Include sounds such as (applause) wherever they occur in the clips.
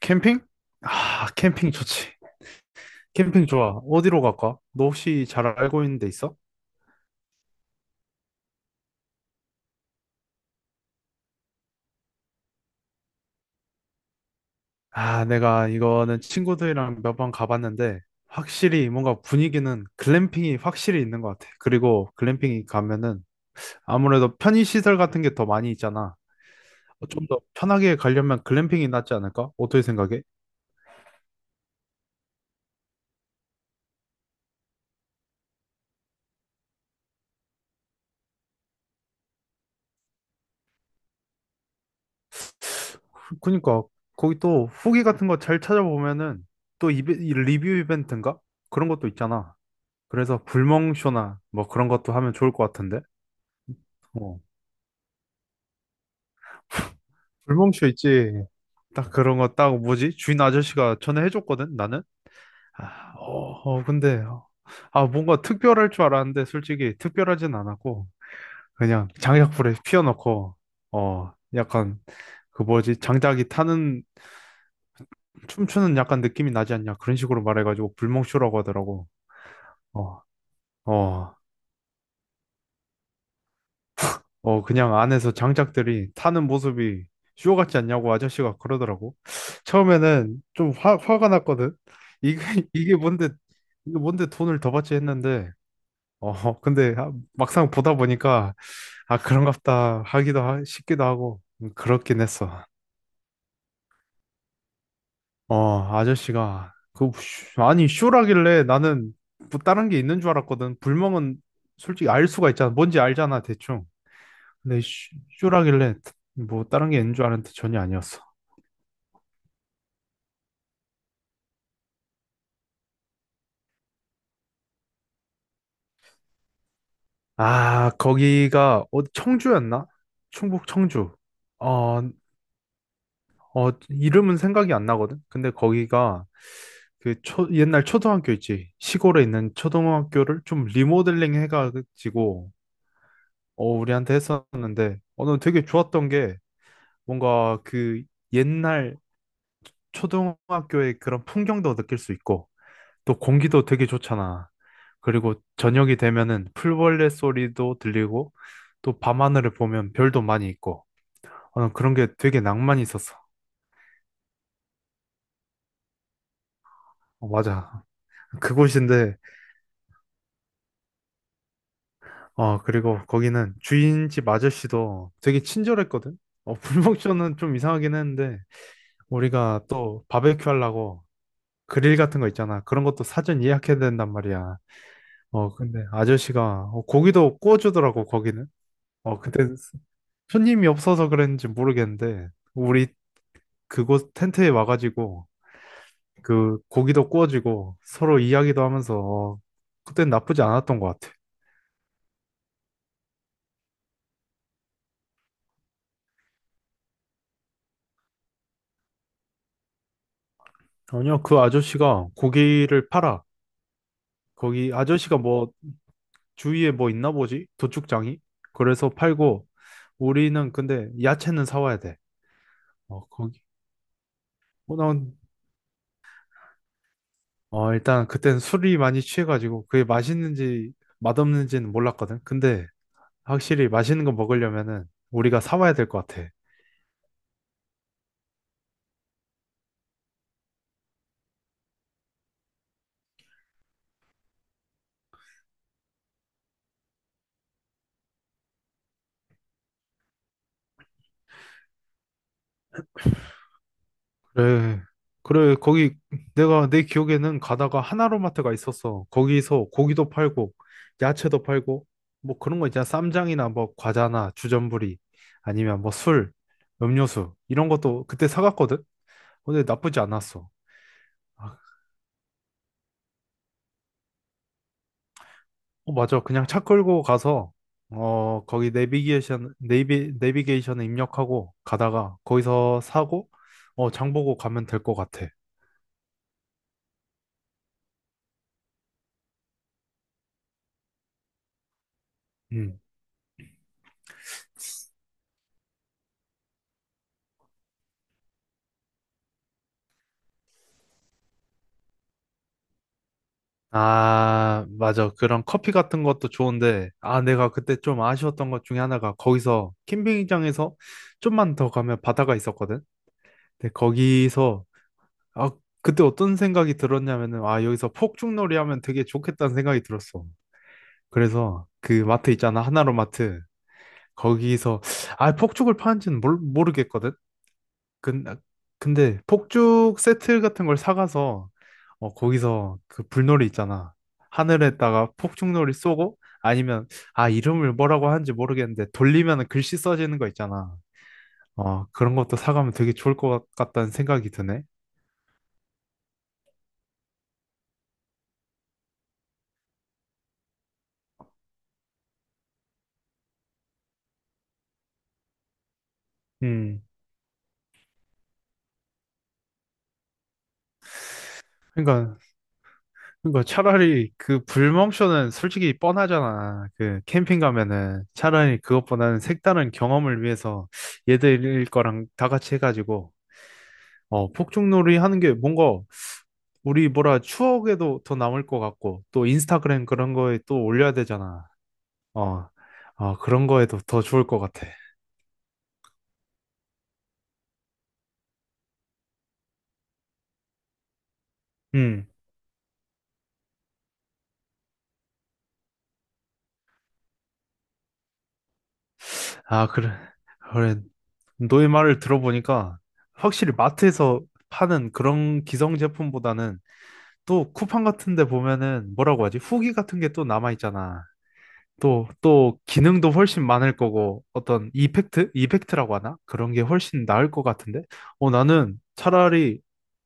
캠핑? 아, 캠핑 좋지. 캠핑 좋아. 어디로 갈까? 너 혹시 잘 알고 있는 데 있어? 아, 내가 이거는 친구들이랑 몇 번 가봤는데, 확실히 뭔가 분위기는 글램핑이 확실히 있는 것 같아. 그리고 글램핑이 가면은 아무래도 편의시설 같은 게 더 많이 있잖아. 좀 더 편하게 가려면 글램핑이 낫지 않을까? 어떻게 생각해? 그니까, 거기 또 후기 같은 거 잘 찾아보면은 또 이 리뷰 이벤트인가? 그런 것도 있잖아. 그래서 불멍쇼나 뭐 그런 것도 하면 좋을 것 같은데. 어. 불멍쇼 있지. 딱 그런 거 딱 뭐지? 주인 아저씨가 전에 해줬거든, 나는. 아, 근데, 아, 뭔가 특별할 줄 알았는데, 솔직히 특별하진 않았고, 그냥 장작불에 피워놓고, 약간, 그 뭐지? 장작이 타는, 춤추는 약간 느낌이 나지 않냐? 그런 식으로 말해가지고, 불멍쇼라고 하더라고. 어, 어, 그냥 안에서 장작들이 타는 모습이 쇼 같지 않냐고 아저씨가 그러더라고. 처음에는 좀 화가 났거든. 이게, (laughs) 이게 뭔데, 이게 뭔데 돈을 더 받지 했는데, 근데 아, 막상 보다 보니까, 아, 그런갑다 하기도 싶기도 하고, 그렇긴 했어. 아저씨가, 그, 쇼- 아니, 쇼라길래 나는 뭐 다른 게 있는 줄 알았거든. 불멍은 솔직히 알 수가 있잖아. 뭔지 알잖아, 대충. 근데 쇼라길래 뭐 다른 게 있는 줄 알았는데 전혀 아니었어. 아, 거기가 청주였나? 충북 청주. 어, 이름은 생각이 안 나거든. 근데 거기가 그 옛날 초등학교 있지. 시골에 있는 초등학교를 좀 리모델링 해가지고 우리한테 했었는데 난 되게 좋았던 게 뭔가 그 옛날 초등학교의 그런 풍경도 느낄 수 있고 또 공기도 되게 좋잖아. 그리고 저녁이 되면은 풀벌레 소리도 들리고 또 밤하늘을 보면 별도 많이 있고 난 그런 게 되게 낭만이 있었어. 어, 맞아. 그곳인데 그리고 거기는 주인집 아저씨도 되게 친절했거든. (laughs) 불멍쇼는 좀 이상하긴 했는데 우리가 또 바베큐 하려고 그릴 같은 거 있잖아. 그런 것도 사전 예약해야 된단 말이야. 근데 아저씨가 고기도 구워주더라고 거기는. 그때 손님이 없어서 그랬는지 모르겠는데 우리 그곳 텐트에 와가지고 그 고기도 구워지고 서로 이야기도 하면서 그땐 나쁘지 않았던 것 같아. 아니요, 그 아저씨가 고기를 팔아. 거기 아저씨가 뭐 주위에 뭐 있나 보지? 도축장이? 그래서 팔고 우리는 근데 야채는 사와야 돼. 어, 거기. 어, 난, 일단 그땐 술이 많이 취해가지고 그게 맛있는지 맛없는지는 몰랐거든. 근데 확실히 맛있는 거 먹으려면은 우리가 사와야 될 것 같아. 그래, 그래, 거기 내가 내 기억에는 가다가 하나로마트가 있었어. 거기서 고기도 팔고, 야채도 팔고, 뭐 그런 거 있잖아. 쌈장이나 뭐 과자나 주전부리, 아니면 뭐 술, 음료수, 이런 것도 그때 사갔거든? 근데 나쁘지 않았어. 아, 어, 맞아. 그냥 차 끌고 가서, 거기 내비게이션에 입력하고, 가다가 거기서 사고, 장 보고 가면 될 것 같아. 음. 아, 맞아. 그런 커피 같은 것도 좋은데, 아, 내가 그때 좀 아쉬웠던 것 중에 하나가 거기서 캠핑장에서 좀만 더 가면 바다가 있었거든. 근데 거기서 아, 그때 어떤 생각이 들었냐면은 아, 여기서 폭죽놀이 하면 되게 좋겠다는 생각이 들었어. 그래서 그 마트 있잖아. 하나로 마트. 거기서 아, 폭죽을 파는지는 모르겠거든. 아, 근데 폭죽 세트 같은 걸 사가서 거기서 그 불놀이 있잖아. 하늘에다가 폭죽놀이 쏘고 아니면 아 이름을 뭐라고 하는지 모르겠는데 돌리면 글씨 써지는 거 있잖아. 그런 것도 사가면 되게 좋을 것 같다는 생각이 드네. 음. 그러니까 그러니까 차라리 그 불멍쇼는 솔직히 뻔하잖아. 그 캠핑 가면은 차라리 그것보다는 색다른 경험을 위해서 얘들 거랑 다 같이 해가지고 폭죽놀이 하는 게 뭔가 우리 뭐라 추억에도 더 남을 것 같고, 또 인스타그램 그런 거에 또 올려야 되잖아. 어, 그런 거에도 더 좋을 것 같아. 음, 아, 그래. 그래. 너의 말을 들어보니까 확실히 마트에서 파는 그런 기성 제품보다는 또 쿠팡 같은 데 보면은 뭐라고 하지? 후기 같은 게 또 남아 있잖아. 또, 기능도 훨씬 많을 거고, 어떤 이펙트? 이펙트라고 하나? 그런 게 훨씬 나을 것 같은데? 나는 차라리,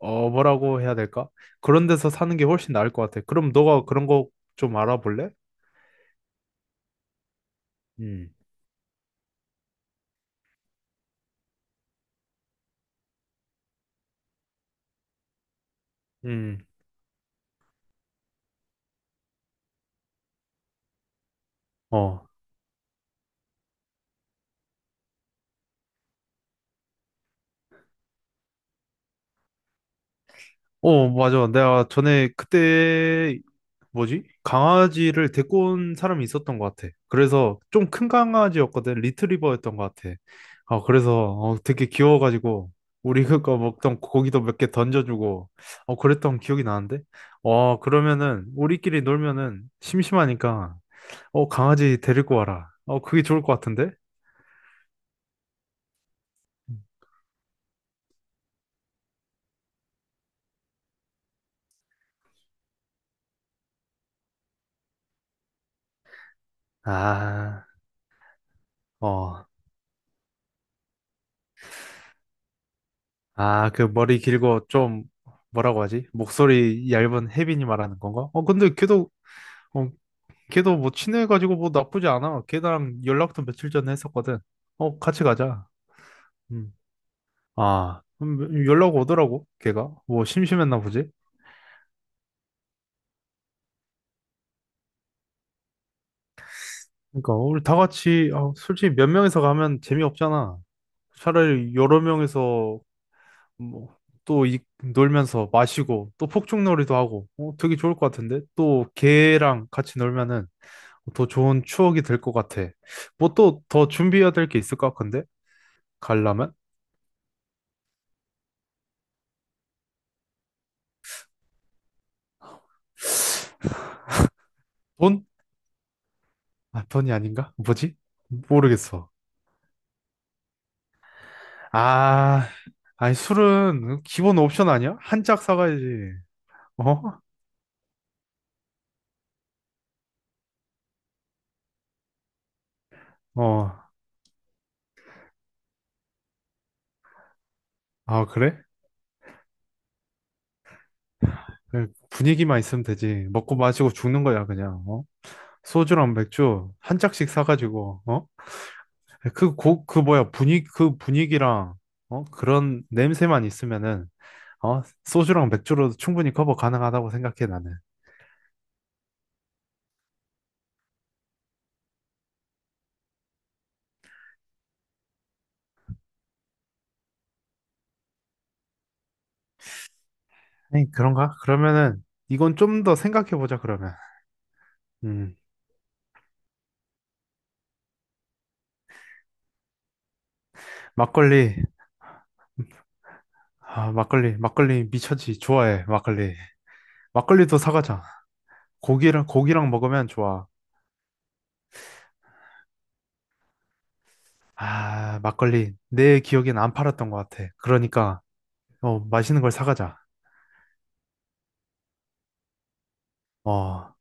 뭐라고 해야 될까? 그런 데서 사는 게 훨씬 나을 것 같아. 그럼 너가 그런 거 좀 알아볼래? 음, 음, 어. 어, 맞아. 내가 전에 그때 뭐지? 강아지를 데리고 온 사람이 있었던 것 같아. 그래서 좀 큰 강아지였거든. 리트리버였던 것 같아. 그래서 되게 귀여워가지고 우리 그거 먹던 고기도 몇 개 던져주고 그랬던 기억이 나는데. 와, 그러면은 우리끼리 놀면은 심심하니까 강아지 데리고 와라. 그게 좋을 것 같은데? 아, 어, 아, 그 머리 길고 좀 뭐라고 하지? 목소리 얇은 혜빈이 말하는 건가? 근데 어, 걔도 뭐 친해가지고 뭐 나쁘지 않아. 걔랑 연락도 며칠 전에 했었거든. 같이 가자. 음. 아, 연락 오더라고, 걔가. 뭐 심심했나 보지? 그러니까 우리 다 같이 아, 솔직히 몇 명이서 가면 재미없잖아. 차라리 여러 명이서 뭐 또 놀면서 마시고 또 폭죽놀이도 하고 되게 좋을 것 같은데 또 걔랑 같이 놀면은 더 좋은 추억이 될 것 같아. 뭐 또 더 준비해야 될 게 있을까? 근데 갈라면? 돈? 아, 버니 아닌가? 뭐지? 모르겠어. 아, 아니, 술은 기본 옵션 아니야? 한 짝 사가야지. 어? 어. 아, 그래? 그래, 분위기만 있으면 되지. 먹고 마시고 죽는 거야, 그냥. 어? 소주랑 맥주 한 짝씩 사가지고, 어? 그 그 뭐야, 분위기, 그 분위기랑, 어? 그런 냄새만 있으면은, 어? 소주랑 맥주로도 충분히 커버 가능하다고 생각해, 나는. 아니, 그런가? 그러면은, 이건 좀 더 생각해보자, 그러면. 음, 막걸리. 아, 막걸리, 막걸리 미쳤지. 좋아해, 막걸리. 막걸리도 사가자. 고기랑 먹으면 좋아. 아, 막걸리. 내 기억엔 안 팔았던 것 같아. 그러니까, 맛있는 걸 사가자. 어,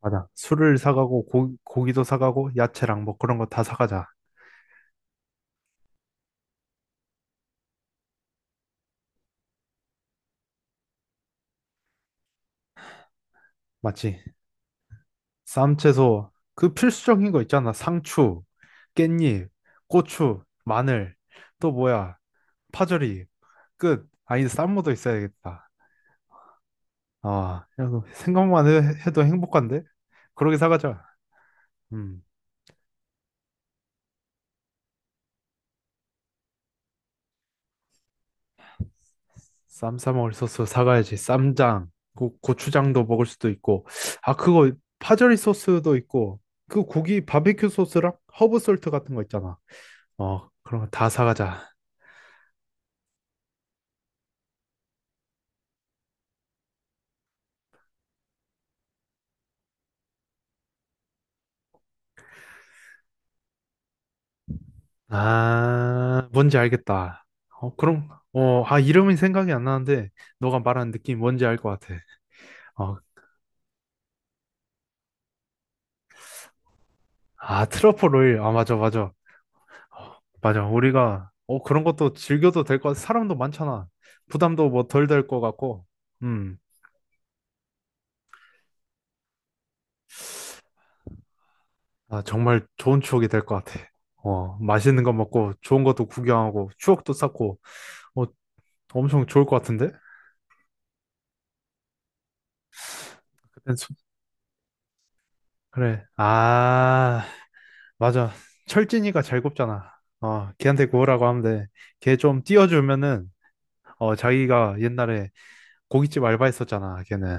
맞아. 술을 사가고, 고기도 사가고, 야채랑 뭐 그런 거 다 사가자. 맞지? 쌈채소, 그 필수적인 거 있잖아. 상추, 깻잎, 고추, 마늘, 또 뭐야, 파절이. 끝. 아니, 쌈무도 있어야겠다. 아, 야, 그 생각만 도 행복한데? 그러게 사가자. 음, 쌈 싸 먹을 소스 사가야지. 쌈장, 고추장도 먹을 수도 있고. 아, 그거 파절이 소스도 있고. 그 고기 바베큐 소스랑 허브 솔트 같은 거 있잖아. 그런 거 다 사가자. 아, 뭔지 알겠다. 그럼, 아, 이름이 생각이 안 나는데, 너가 말하는 느낌이 뭔지 알 것 같아. 어, 아, 트러플 오일. 아, 맞아, 맞아. 맞아. 우리가 그런 것도 즐겨도 될 것 같아. 사람도 많잖아. 부담도 뭐 덜 될 것 같고. 음. 아, 정말 좋은 추억이 될 것 같아. 맛있는 거 먹고 좋은 것도 구경하고 추억도 쌓고 어 엄청 좋을 것 같은데? 그땐 그래. 아, 맞아. 철진이가 잘 굽잖아. 걔한테 구우라고 하면 돼. 걔 좀 띄워주면은 자기가 옛날에 고깃집 알바했었잖아. 걔는.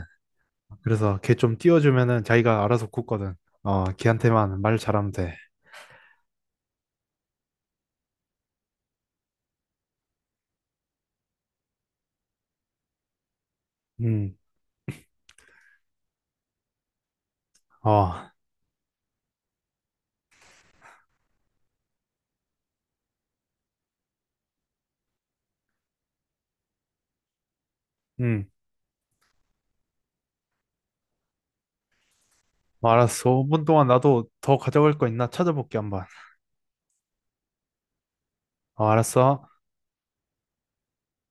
그래서 걔 좀 띄워주면은 자기가 알아서 굽거든. 걔한테만 말 잘하면 돼. 음, 어, 음, 어, 알았어. 5분 동안 나도 더 가져갈 거 있나 찾아볼게 한번. 어, 알았어.